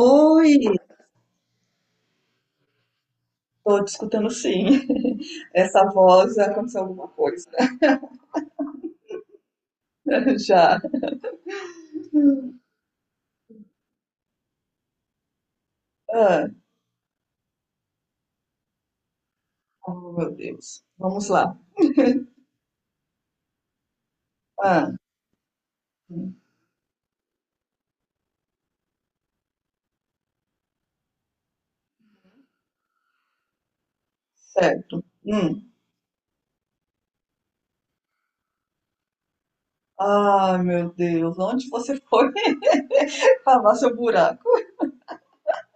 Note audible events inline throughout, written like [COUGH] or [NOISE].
Oi, estou te escutando sim. [LAUGHS] Essa voz aconteceu alguma coisa. [LAUGHS] Já. Ah, oh, meu Deus. Vamos lá. Ah, hum, certo. Hum. Ah, meu Deus. Onde você foi [LAUGHS] cavar seu buraco?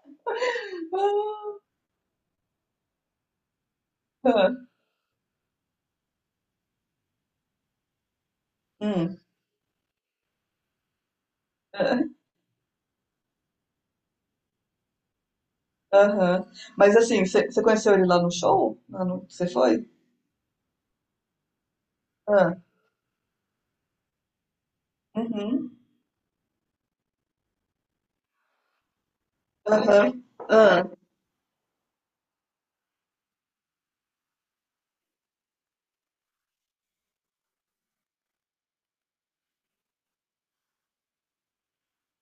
[LAUGHS] Ah, ah, hum. ah, Aham. Mas assim, você conheceu ele lá no show? Lá no- Você foi? Ah, uhum. Aham. Ah,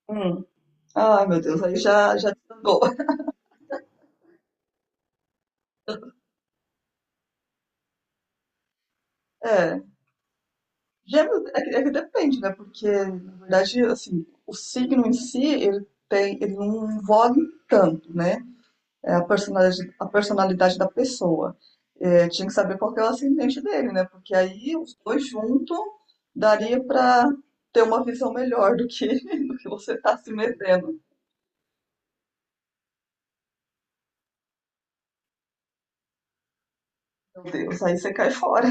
hum. Ah, meu Deus. Aí já desandou. [LAUGHS] Gêmeos é que depende, né? Porque, na verdade, assim, o signo em si, ele não envolve tanto, né? É a personalidade da pessoa. É, tinha que saber qual que é o ascendente dele, né? Porque aí os dois juntos daria para ter uma visão melhor do que, [LAUGHS] do que você tá se metendo. Meu Deus, aí você cai fora.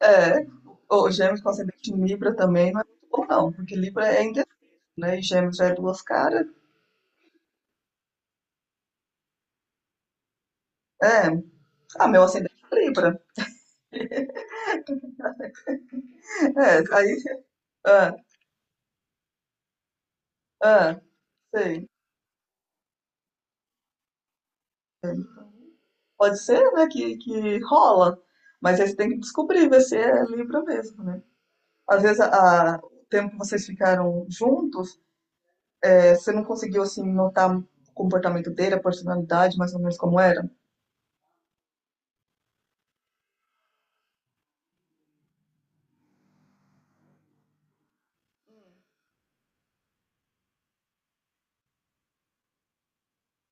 É, o gêmeos com ascendente em Libra também não é muito bom, não, porque Libra é indeciso, né? E gêmeos já é duas caras. É, ah, meu ascendente é Libra. É, aí, ah, ah, sei. Sei. Pode ser, né, que rola, mas aí você tem que descobrir, ver se é Libra mesmo, né? Às vezes, o tempo que vocês ficaram juntos, é, você não conseguiu, assim, notar o comportamento dele, a personalidade, mais ou menos como era?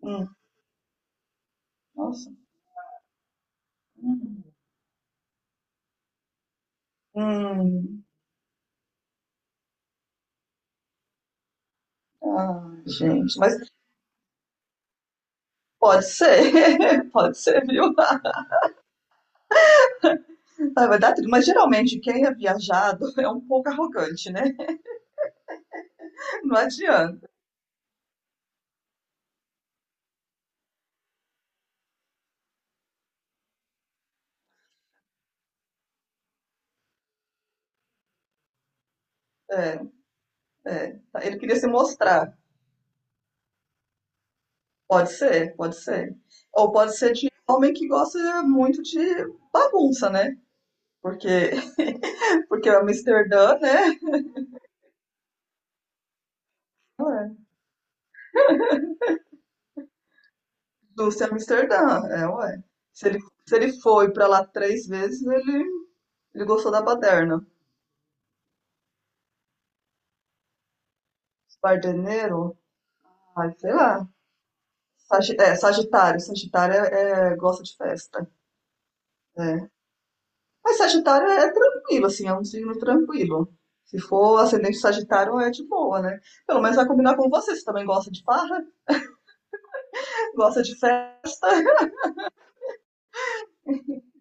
Hum, nossa. Hum, hum. Ah, gente, mas pode ser, [LAUGHS] pode ser, viu? Ah, vai dar tudo. Mas geralmente quem é viajado [LAUGHS] é um pouco arrogante, né? Não adianta. É. É, ele queria se mostrar. Pode ser, pode ser. Ou pode ser de homem que gosta muito de bagunça, né? Porque, [LAUGHS] porque é Amsterdã, né? Ué, indústria Amsterdã, é, ué. Se ele, se ele foi pra lá três vezes, ele gostou da baderna. Bardeneiro, ai, sei lá. Sagitário, Sagitário gosta de festa. É. Mas Sagitário é tranquilo, assim, é um signo tranquilo. Se for ascendente Sagitário, é de boa, né? Pelo menos vai combinar com você. Você também gosta de farra, [LAUGHS] gosta de fé,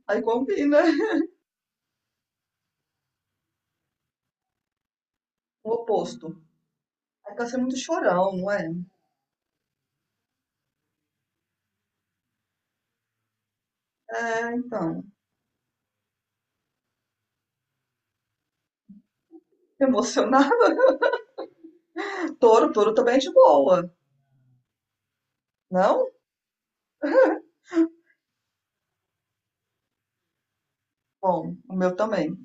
aí combina. O oposto. Aí tá sendo muito chorão, não é? É, então. Emocionado. [LAUGHS] Touro também é de boa. Não? Bom, o meu também.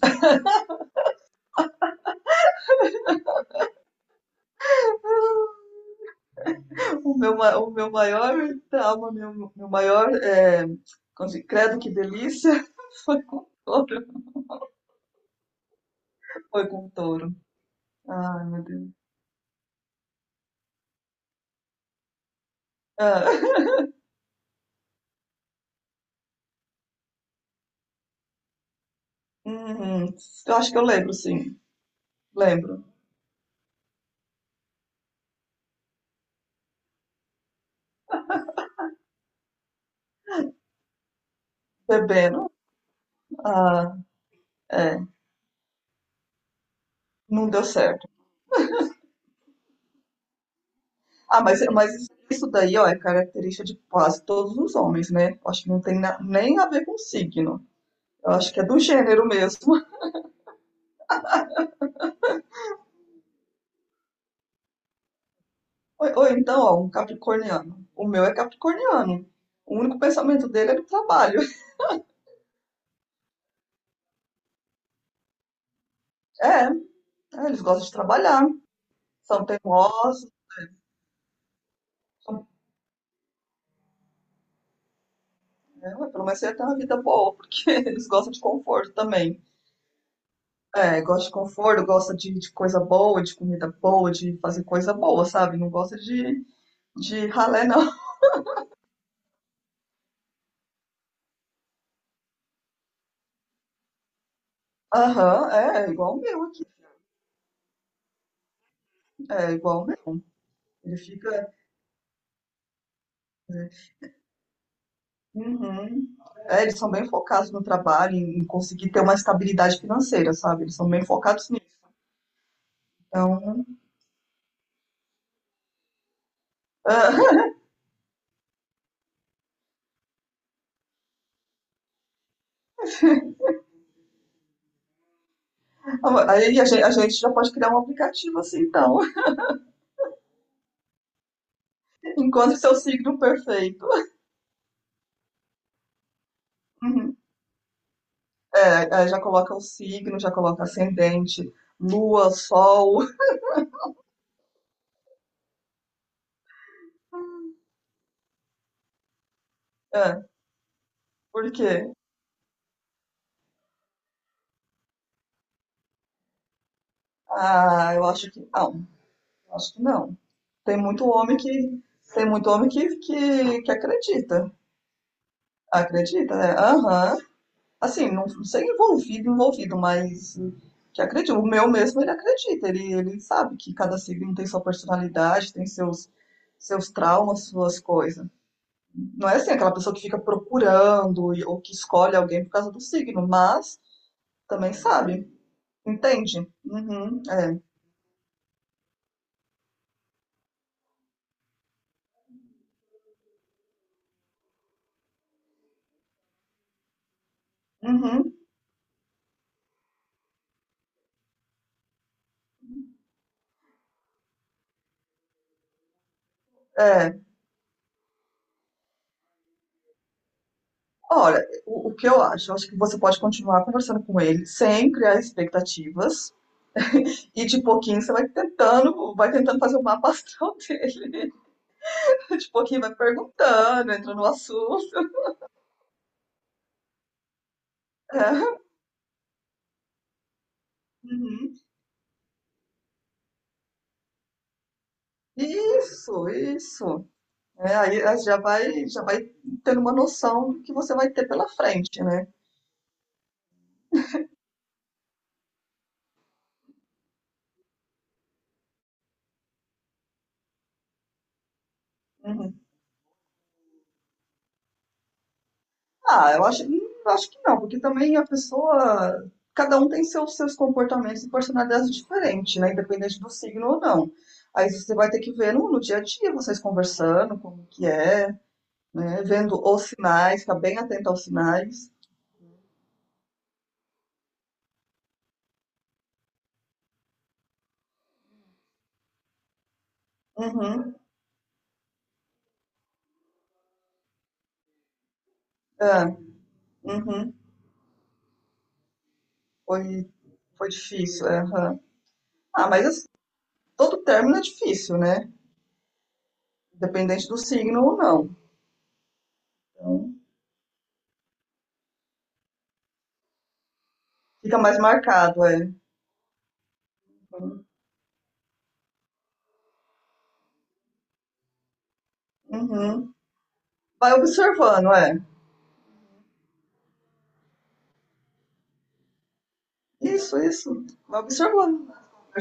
O meu maior trauma, meu maior. É, como se- credo que delícia. [LAUGHS] Foi com touro. Foi com touro. Ai, meu Deus. Ah. Uhum. Eu acho que eu lembro, sim. Lembro. Bebendo. Ah, é. Não deu certo. Ah, mas isso daí, ó, é característica de quase todos os homens, né? Eu acho que não tem na- nem a ver com signo. Eu acho que é do gênero mesmo. [LAUGHS] Ou então, ó, um capricorniano. O meu é capricorniano. O único pensamento dele é do trabalho. [LAUGHS] É, eles gostam de trabalhar, são teimosos, são, né, pelo menos você tem uma vida boa, porque [LAUGHS] eles gostam de conforto também. É, gosta de conforto, gosta de coisa boa, de comida boa, de fazer coisa boa, sabe? Não gosta de ralé, não. [LAUGHS] Aham, é igual o meu aqui. É igual o meu. Ele fica. Uhum. É, eles são bem focados no trabalho, em conseguir ter uma estabilidade financeira, sabe? Eles são bem focados nisso. Então, ah, [LAUGHS] aí a gente já pode criar um aplicativo assim, então. [LAUGHS] Encontre seu signo perfeito. Uhum. Já coloca o signo, já coloca ascendente, lua, sol. É. Por quê? Ah, eu acho que não. Eu acho que não. Tem muito homem que tem muito homem que acredita. Acredita, né? Aham. Assim, não, não sei envolvido, envolvido, mas que acredita. O meu mesmo, ele acredita. Ele sabe que cada signo tem sua personalidade, tem seus traumas, suas coisas. Não é assim aquela pessoa que fica procurando e- ou que escolhe alguém por causa do signo, mas também sabe. Entende? Uhum, é. Uhum, é. Olha, o que eu acho que você pode continuar conversando com ele sem criar expectativas e de pouquinho você vai tentando fazer o mapa astral dele. [LAUGHS] De pouquinho vai perguntando, entra no assunto. [LAUGHS] É. Uhum. Isso, isso. É, aí já vai tendo uma noção do que você vai ter pela frente, né? Uhum. Ah, eu acho, acho que não, porque também a pessoa. Cada um tem seus comportamentos e personalidades diferentes, né? Independente do signo ou não. Aí você vai ter que ver no dia a dia, vocês conversando, como que é, né? Vendo os sinais, ficar bem atento aos sinais. Uhum, é, uhum. Foi, foi difícil, é, aham. Ah, mas assim, todo término é difícil, né? Independente do signo ou não. Então, fica mais marcado, é. Uhum. Vai observando, é. Isso, isso. Vai observando as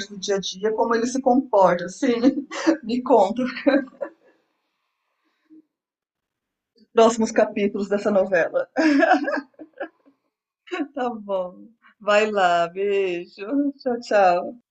conversas do dia a dia, como ele se comporta, assim. [LAUGHS] Me conta os próximos capítulos dessa novela. Tá bom. Vai lá, beijo. Tchau, tchau.